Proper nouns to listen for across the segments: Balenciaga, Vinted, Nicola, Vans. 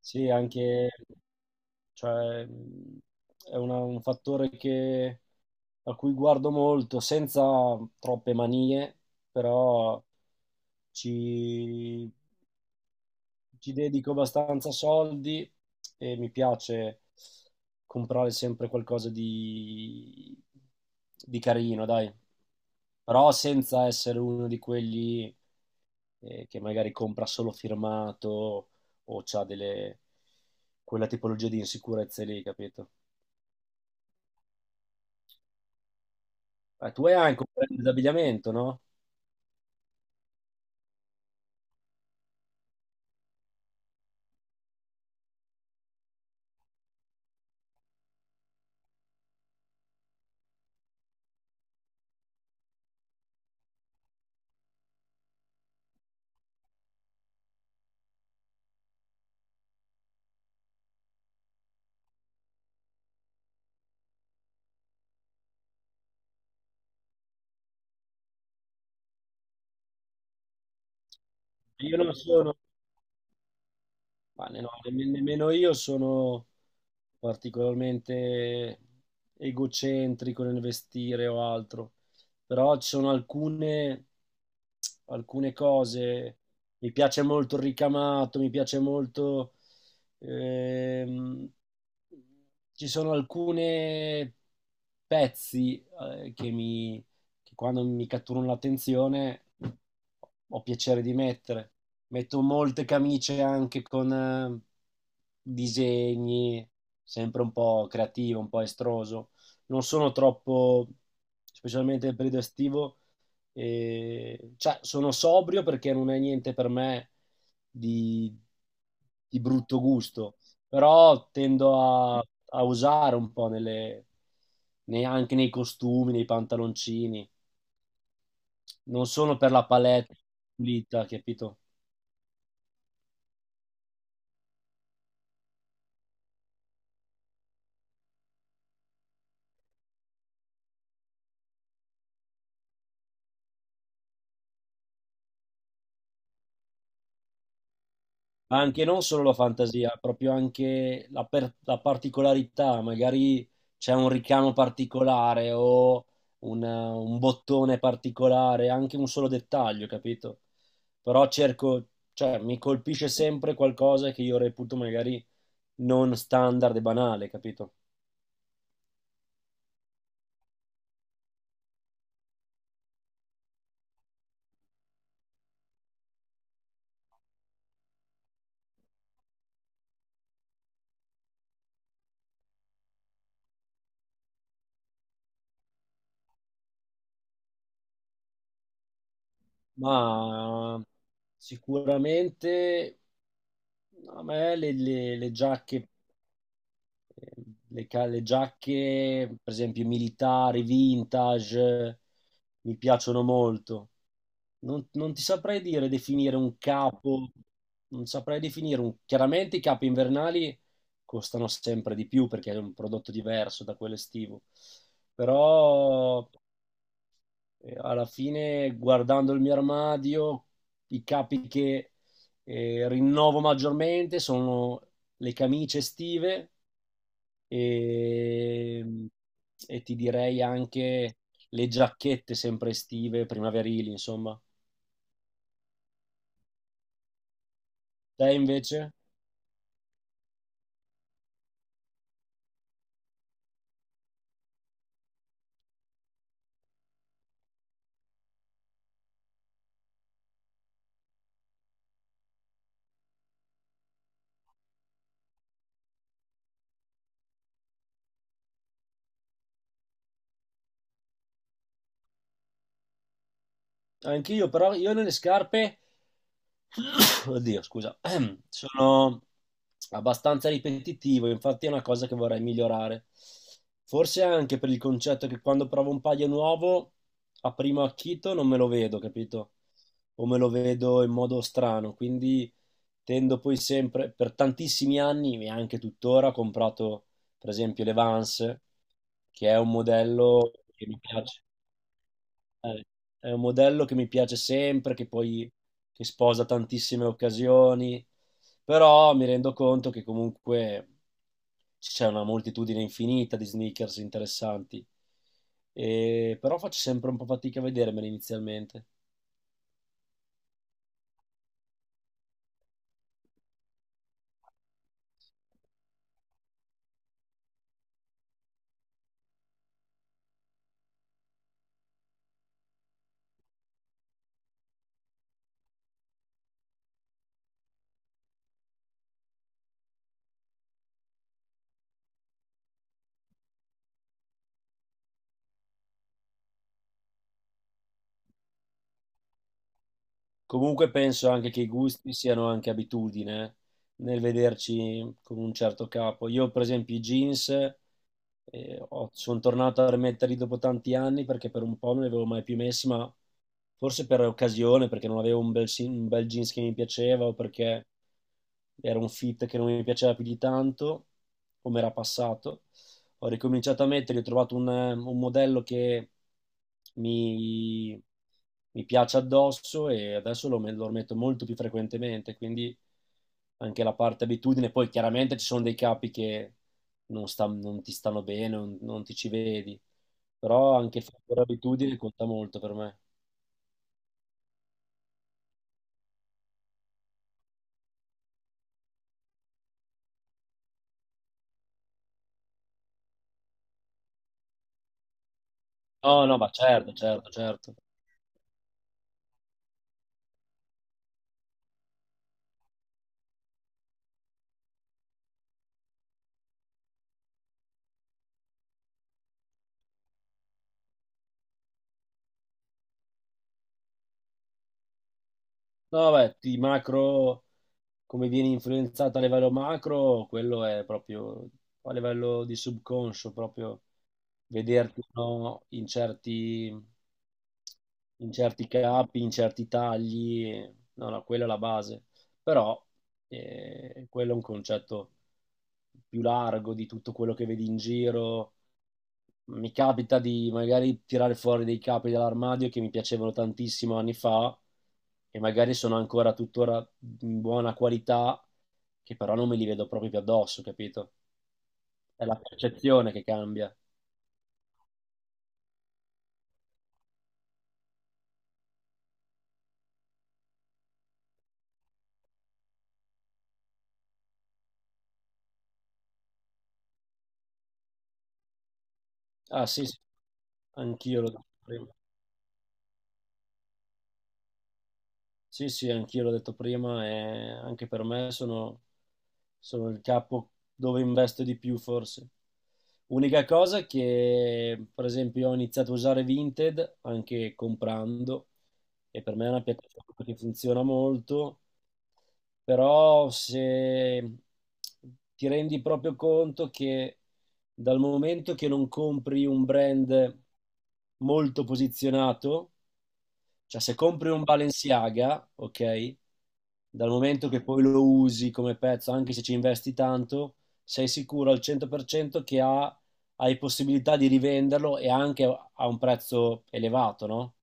Sì, anche, cioè, è un fattore a cui guardo molto, senza troppe manie, però ci, ci dedico abbastanza soldi e mi piace comprare sempre qualcosa di carino, dai. Però senza essere uno di quelli che magari compra solo firmato o c'ha delle... quella tipologia di insicurezze lì, capito? Tu hai anche un brand d'abbigliamento, no? Io non sono, Ma ne- no, nemm- nemmeno io sono particolarmente egocentrico nel vestire o altro, però ci sono alcune cose, mi piace molto il ricamato, mi piace molto, ehm, ci sono alcune pezzi, che che quando mi catturano l'attenzione ho piacere di mettere. Metto molte camicie anche con disegni, sempre un po' creativo, un po' estroso. Non sono troppo, specialmente nel periodo estivo, cioè sono sobrio perché non è niente per me di, di brutto gusto, però a usare un po' anche nei costumi, nei pantaloncini non solo per la palette pulita, capito? Ma anche non solo la fantasia, proprio anche la particolarità, magari c'è un ricamo particolare o un bottone particolare, anche un solo dettaglio, capito? Però cerco, cioè mi colpisce sempre qualcosa che io reputo magari non standard e banale, capito? Ma sicuramente a me le giacche le giacche, per esempio, militari, vintage, mi piacciono molto. Non, non ti saprei dire definire un capo, non saprei definire un... Chiaramente i capi invernali costano sempre di più perché è un prodotto diverso da quello estivo, però alla fine guardando il mio armadio, i capi che rinnovo maggiormente sono le camicie estive e, e ti direi anche le giacchette sempre estive, primaverili, insomma. Te invece? Anch'io, però io nelle scarpe Oddio, scusa. Sono abbastanza ripetitivo, infatti è una cosa che vorrei migliorare. Forse anche per il concetto che quando provo un paio nuovo, a primo acchito non me lo vedo, capito? O me lo vedo in modo strano, quindi tendo poi sempre, per tantissimi anni e anche tuttora, ho comprato per esempio le Vans, che è un modello che mi piace. Eh, È un modello che mi piace sempre, che poi che sposa tantissime occasioni, però mi rendo conto che comunque c'è una moltitudine infinita di sneakers interessanti, e, però faccio sempre un po' fatica a vedermeli inizialmente. Comunque penso anche che i gusti siano anche abitudine nel vederci con un certo capo. Io, per esempio, i jeans sono tornato a rimetterli dopo tanti anni perché per un po' non li avevo mai più messi, ma forse per occasione, perché non avevo un un bel jeans che mi piaceva o perché era un fit che non mi piaceva più di tanto, come era passato ho ricominciato a metterli, ho trovato un modello che mi, mi piace addosso e adesso lo metto molto più frequentemente, quindi anche la parte abitudine, poi chiaramente ci sono dei capi che non ti stanno bene, non ti ci vedi, però anche fare abitudine conta molto per me. No, no, ma certo, certo, certo. No, beh, i macro come vieni influenzato a livello macro, quello è proprio a livello di subconscio, proprio vederti o no, in in certi capi, in certi tagli. No, no, quella è la base. Però quello è un concetto più largo di tutto quello che vedi in giro, mi capita di magari tirare fuori dei capi dall'armadio che mi piacevano tantissimo anni fa e magari sono ancora tuttora in buona qualità, che però non me li vedo proprio più addosso, capito? È la percezione che cambia. Ah sì, sì, anch'io l'ho detto prima. Sì, sì, anch'io l'ho detto prima e anche per me sono il capo dove investo di più forse. Unica cosa che, per esempio, ho iniziato a usare Vinted anche comprando e per me è una piattaforma che funziona molto, però se ti rendi proprio conto che dal momento che non compri un brand molto posizionato, cioè se compri un Balenciaga, ok, dal momento che poi lo usi come pezzo, anche se ci investi tanto, sei sicuro al 100% hai possibilità di rivenderlo e anche a un prezzo elevato, no?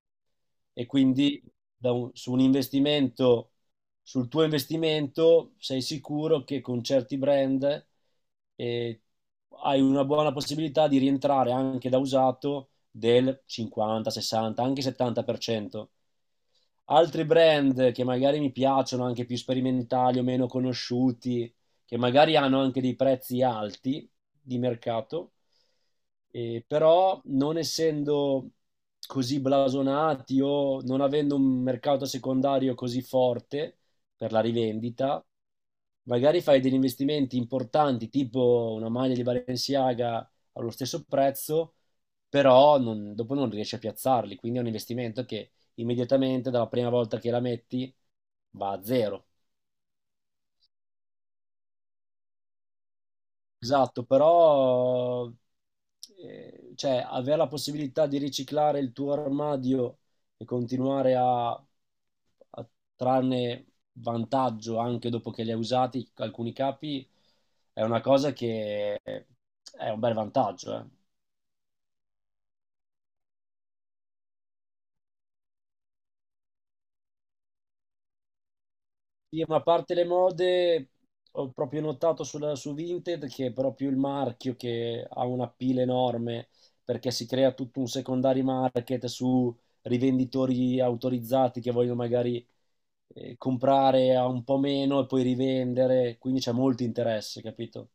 E quindi su un investimento, sul tuo investimento sei sicuro che con certi brand eh, hai una buona possibilità di rientrare anche da usato del 50, 60, anche 70% altri brand che magari mi piacciono, anche più sperimentali o meno conosciuti, che magari hanno anche dei prezzi alti di mercato, però non essendo così blasonati o non avendo un mercato secondario così forte per la rivendita, magari fai degli investimenti importanti, tipo una maglia di Balenciaga allo stesso prezzo, però dopo non riesci a piazzarli, quindi è un investimento che immediatamente dalla prima volta che la metti va a zero. Esatto, però cioè, avere la possibilità di riciclare il tuo armadio e continuare a trarne vantaggio anche dopo che li hai usati alcuni capi è una cosa che è un bel vantaggio, eh. Sì, ma a parte le mode, ho proprio notato su Vinted che è proprio il marchio che ha una pila enorme perché si crea tutto un secondary market su rivenditori autorizzati che vogliono magari comprare a un po' meno e poi rivendere, quindi c'è molto interesse, capito?